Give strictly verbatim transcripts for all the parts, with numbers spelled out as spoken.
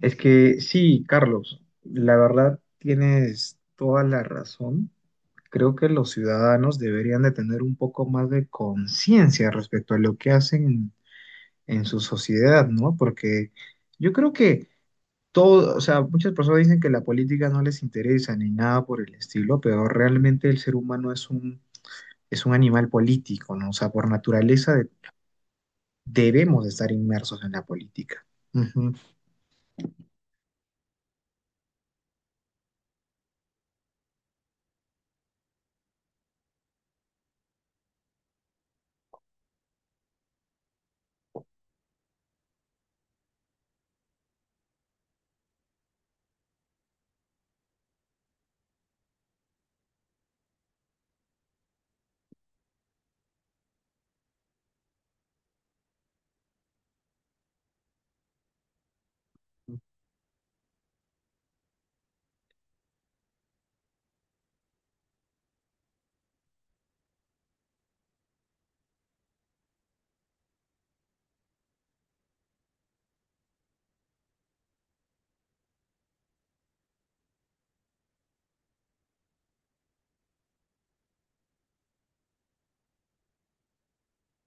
Es que sí, Carlos, la verdad tienes toda la razón. Creo que los ciudadanos deberían de tener un poco más de conciencia respecto a lo que hacen en su sociedad, ¿no? Porque yo creo que todo, o sea, muchas personas dicen que la política no les interesa ni nada por el estilo, pero realmente el ser humano es un, es un animal político, ¿no? O sea, por naturaleza de- debemos de estar inmersos en la política. Ujú.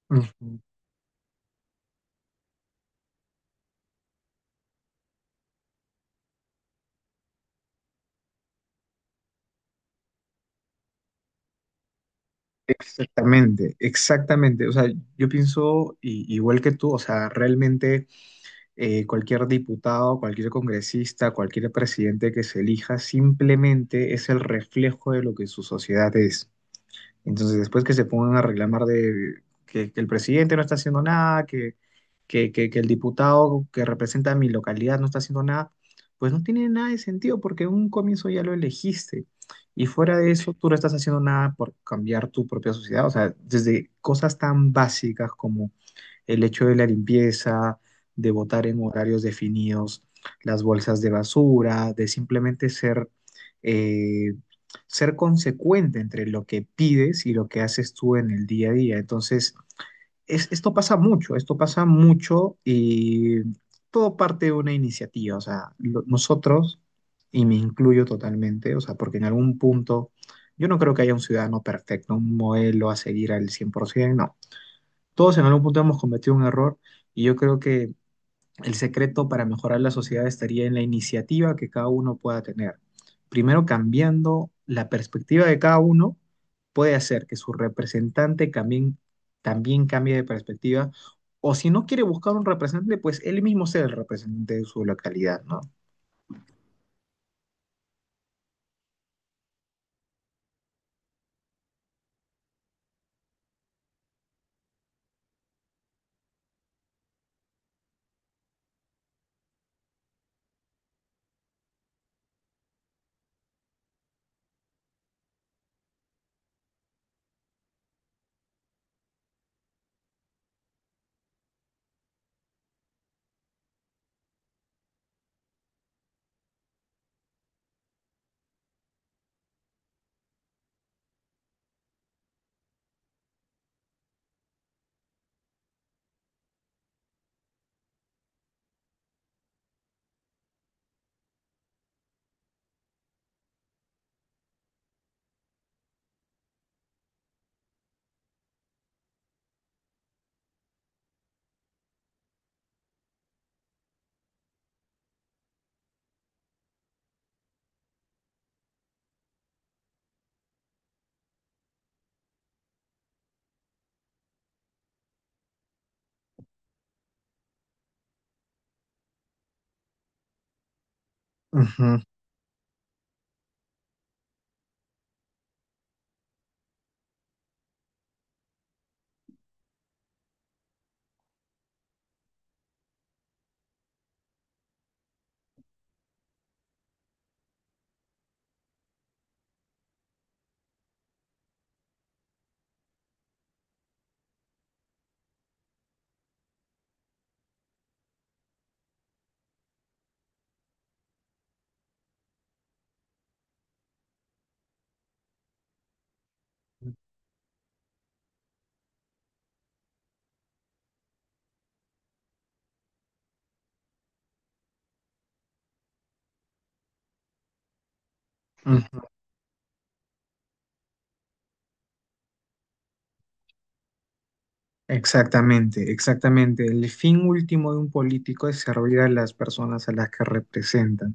Ujú. Exactamente, exactamente. O sea, yo pienso i- igual que tú, o sea, realmente eh, cualquier diputado, cualquier congresista, cualquier presidente que se elija, simplemente es el reflejo de lo que su sociedad es. Entonces, después que se pongan a reclamar de que, que el presidente no está haciendo nada, que, que, que, que el diputado que representa mi localidad no está haciendo nada, pues no tiene nada de sentido porque en un comienzo ya lo elegiste. Y fuera de eso, tú no estás haciendo nada por cambiar tu propia sociedad. O sea, desde cosas tan básicas como el hecho de la limpieza, de votar en horarios definidos, las bolsas de basura, de simplemente ser, eh, ser consecuente entre lo que pides y lo que haces tú en el día a día. Entonces, es- esto pasa mucho, esto pasa mucho y todo parte de una iniciativa. O sea, lo- nosotros, y me incluyo totalmente, o sea, porque en algún punto yo no creo que haya un ciudadano perfecto, un modelo a seguir al cien por ciento, no. Todos en algún punto hemos cometido un error y yo creo que el secreto para mejorar la sociedad estaría en la iniciativa que cada uno pueda tener. Primero, cambiando la perspectiva de cada uno, puede hacer que su representante también, también cambie de perspectiva o si no quiere buscar un representante, pues él mismo sea el representante de su localidad, ¿no? Ujú, ujú. Exactamente, exactamente. El fin último de un político es servir a las personas a las que representa.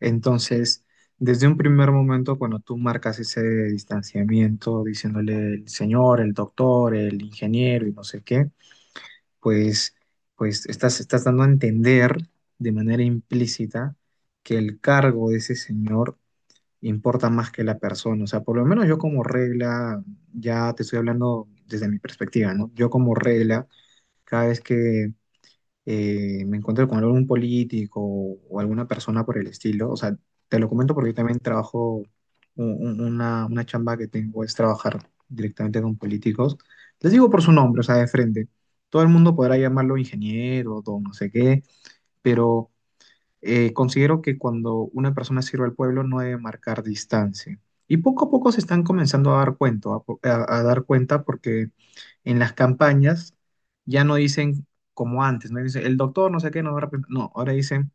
Entonces, desde un primer momento, cuando tú marcas ese distanciamiento, diciéndole el señor, el doctor, el ingeniero y no sé qué, pues, pues estás, estás dando a entender de manera implícita que el cargo de ese señor importa más que la persona. O sea, por lo menos yo como regla, ya te estoy hablando desde mi perspectiva, ¿no? Yo como regla, cada vez que eh, me encuentro con algún político o alguna persona por el estilo, o sea, te lo comento porque yo también trabajo, u- u- una, una chamba que tengo es trabajar directamente con políticos. Les digo por su nombre, o sea, de frente. Todo el mundo podrá llamarlo ingeniero, don no sé qué, pero eh, considero que cuando una persona sirve al pueblo no debe marcar distancia. Y poco a poco se están comenzando a dar cuenta, a, po- a a dar cuenta porque en las campañas ya no dicen como antes, no dicen el doctor no sé qué nos va a representar", no, ahora dicen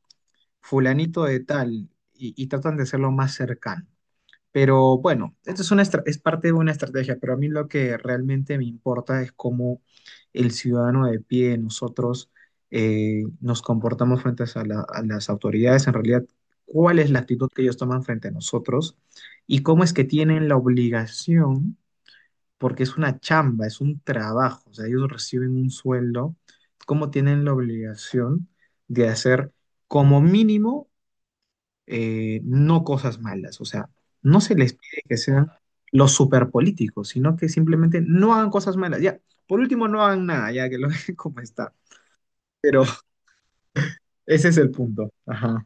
fulanito de tal y, y tratan de hacerlo más cercano. Pero bueno, esto es una estra- es parte de una estrategia, pero a mí lo que realmente me importa es cómo el ciudadano de pie, nosotros eh, nos comportamos frente a, la- a las autoridades, en realidad, cuál es la actitud que ellos toman frente a nosotros y cómo es que tienen la obligación porque es una chamba, es un trabajo, o sea, ellos reciben un sueldo, como tienen la obligación de hacer como mínimo eh, no cosas malas, o sea, no se les pide que sean los superpolíticos, sino que simplemente no hagan cosas malas, ya, por último no hagan nada, ya que lo dejen como está, pero ese es el punto, ajá.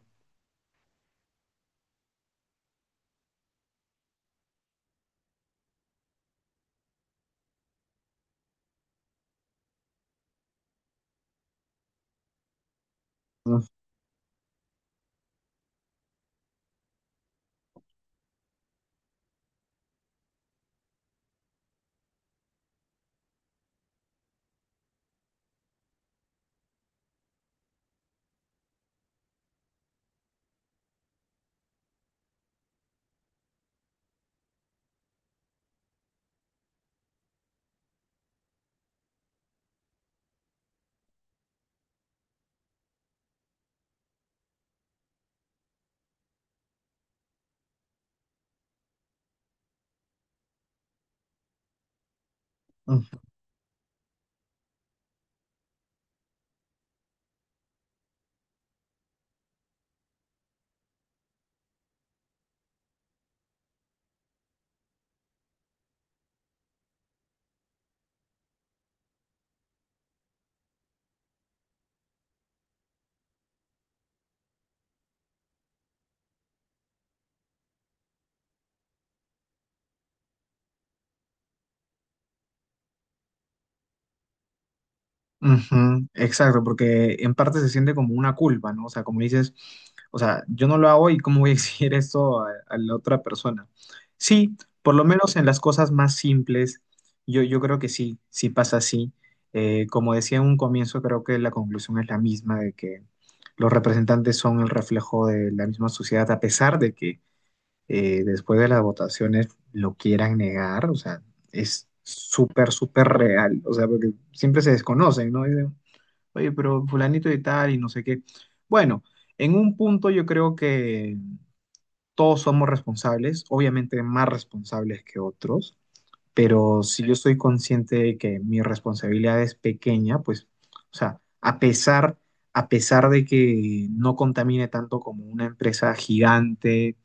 Ujú, exacto, porque en parte se siente como una culpa, ¿no? O sea, como dices, o sea, yo no lo hago y cómo voy a exigir esto a, a la otra persona. Sí, por lo menos en las cosas más simples, yo, yo creo que sí, sí pasa así. Eh, como decía en un comienzo, creo que la conclusión es la misma, de que los representantes son el reflejo de la misma sociedad, a pesar de que eh, después de las votaciones lo quieran negar, o sea, es súper, súper real, o sea, porque siempre se desconocen, ¿no? Dicen, oye, pero fulanito y tal y no sé qué. Bueno, en un punto yo creo que todos somos responsables, obviamente más responsables que otros, pero si yo estoy consciente de que mi responsabilidad es pequeña, pues, o sea, a pesar... A pesar de que no contamine tanto como una empresa gigante,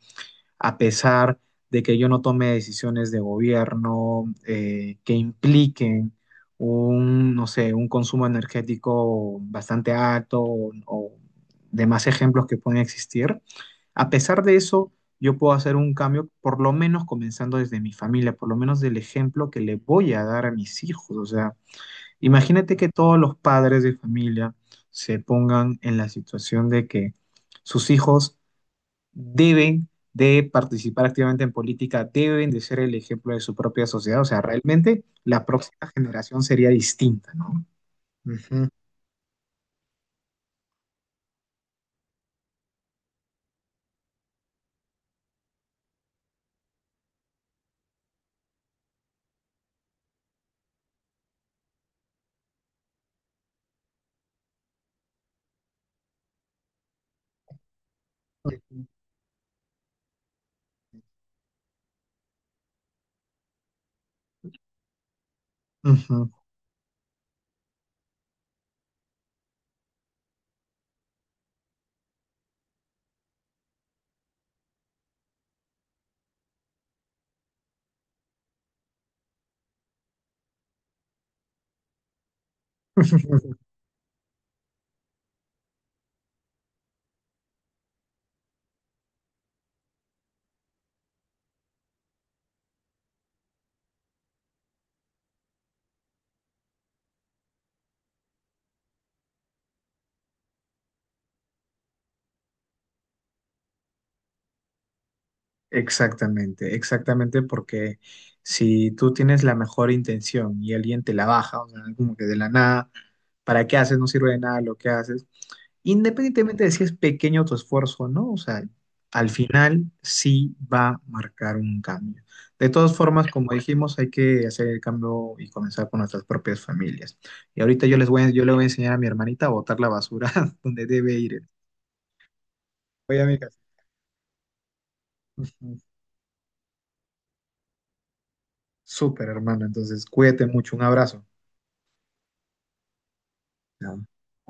a pesar de que yo no tome decisiones de gobierno eh, que impliquen un, no sé, un consumo energético bastante alto o, o demás ejemplos que pueden existir. A pesar de eso, yo puedo hacer un cambio, por lo menos comenzando desde mi familia, por lo menos del ejemplo que le voy a dar a mis hijos. O sea, imagínate que todos los padres de familia se pongan en la situación de que sus hijos deben de participar activamente en política, deben de ser el ejemplo de su propia sociedad. O sea, realmente la próxima generación sería distinta, ¿no? Ujú, ujú. Exactamente, exactamente, porque si tú tienes la mejor intención y alguien te la baja, o sea, como que de la nada, ¿para qué haces? No sirve de nada lo que haces. Independientemente de si es pequeño tu esfuerzo o no, o sea, al final sí va a marcar un cambio. De todas formas, como dijimos, hay que hacer el cambio y comenzar con nuestras propias familias. Y ahorita yo les voy a, yo le voy a enseñar a mi hermanita a botar la basura donde debe ir. Oye, amigas. Ujú. Súper, hermano. Entonces, cuídate mucho. Un abrazo. Ya.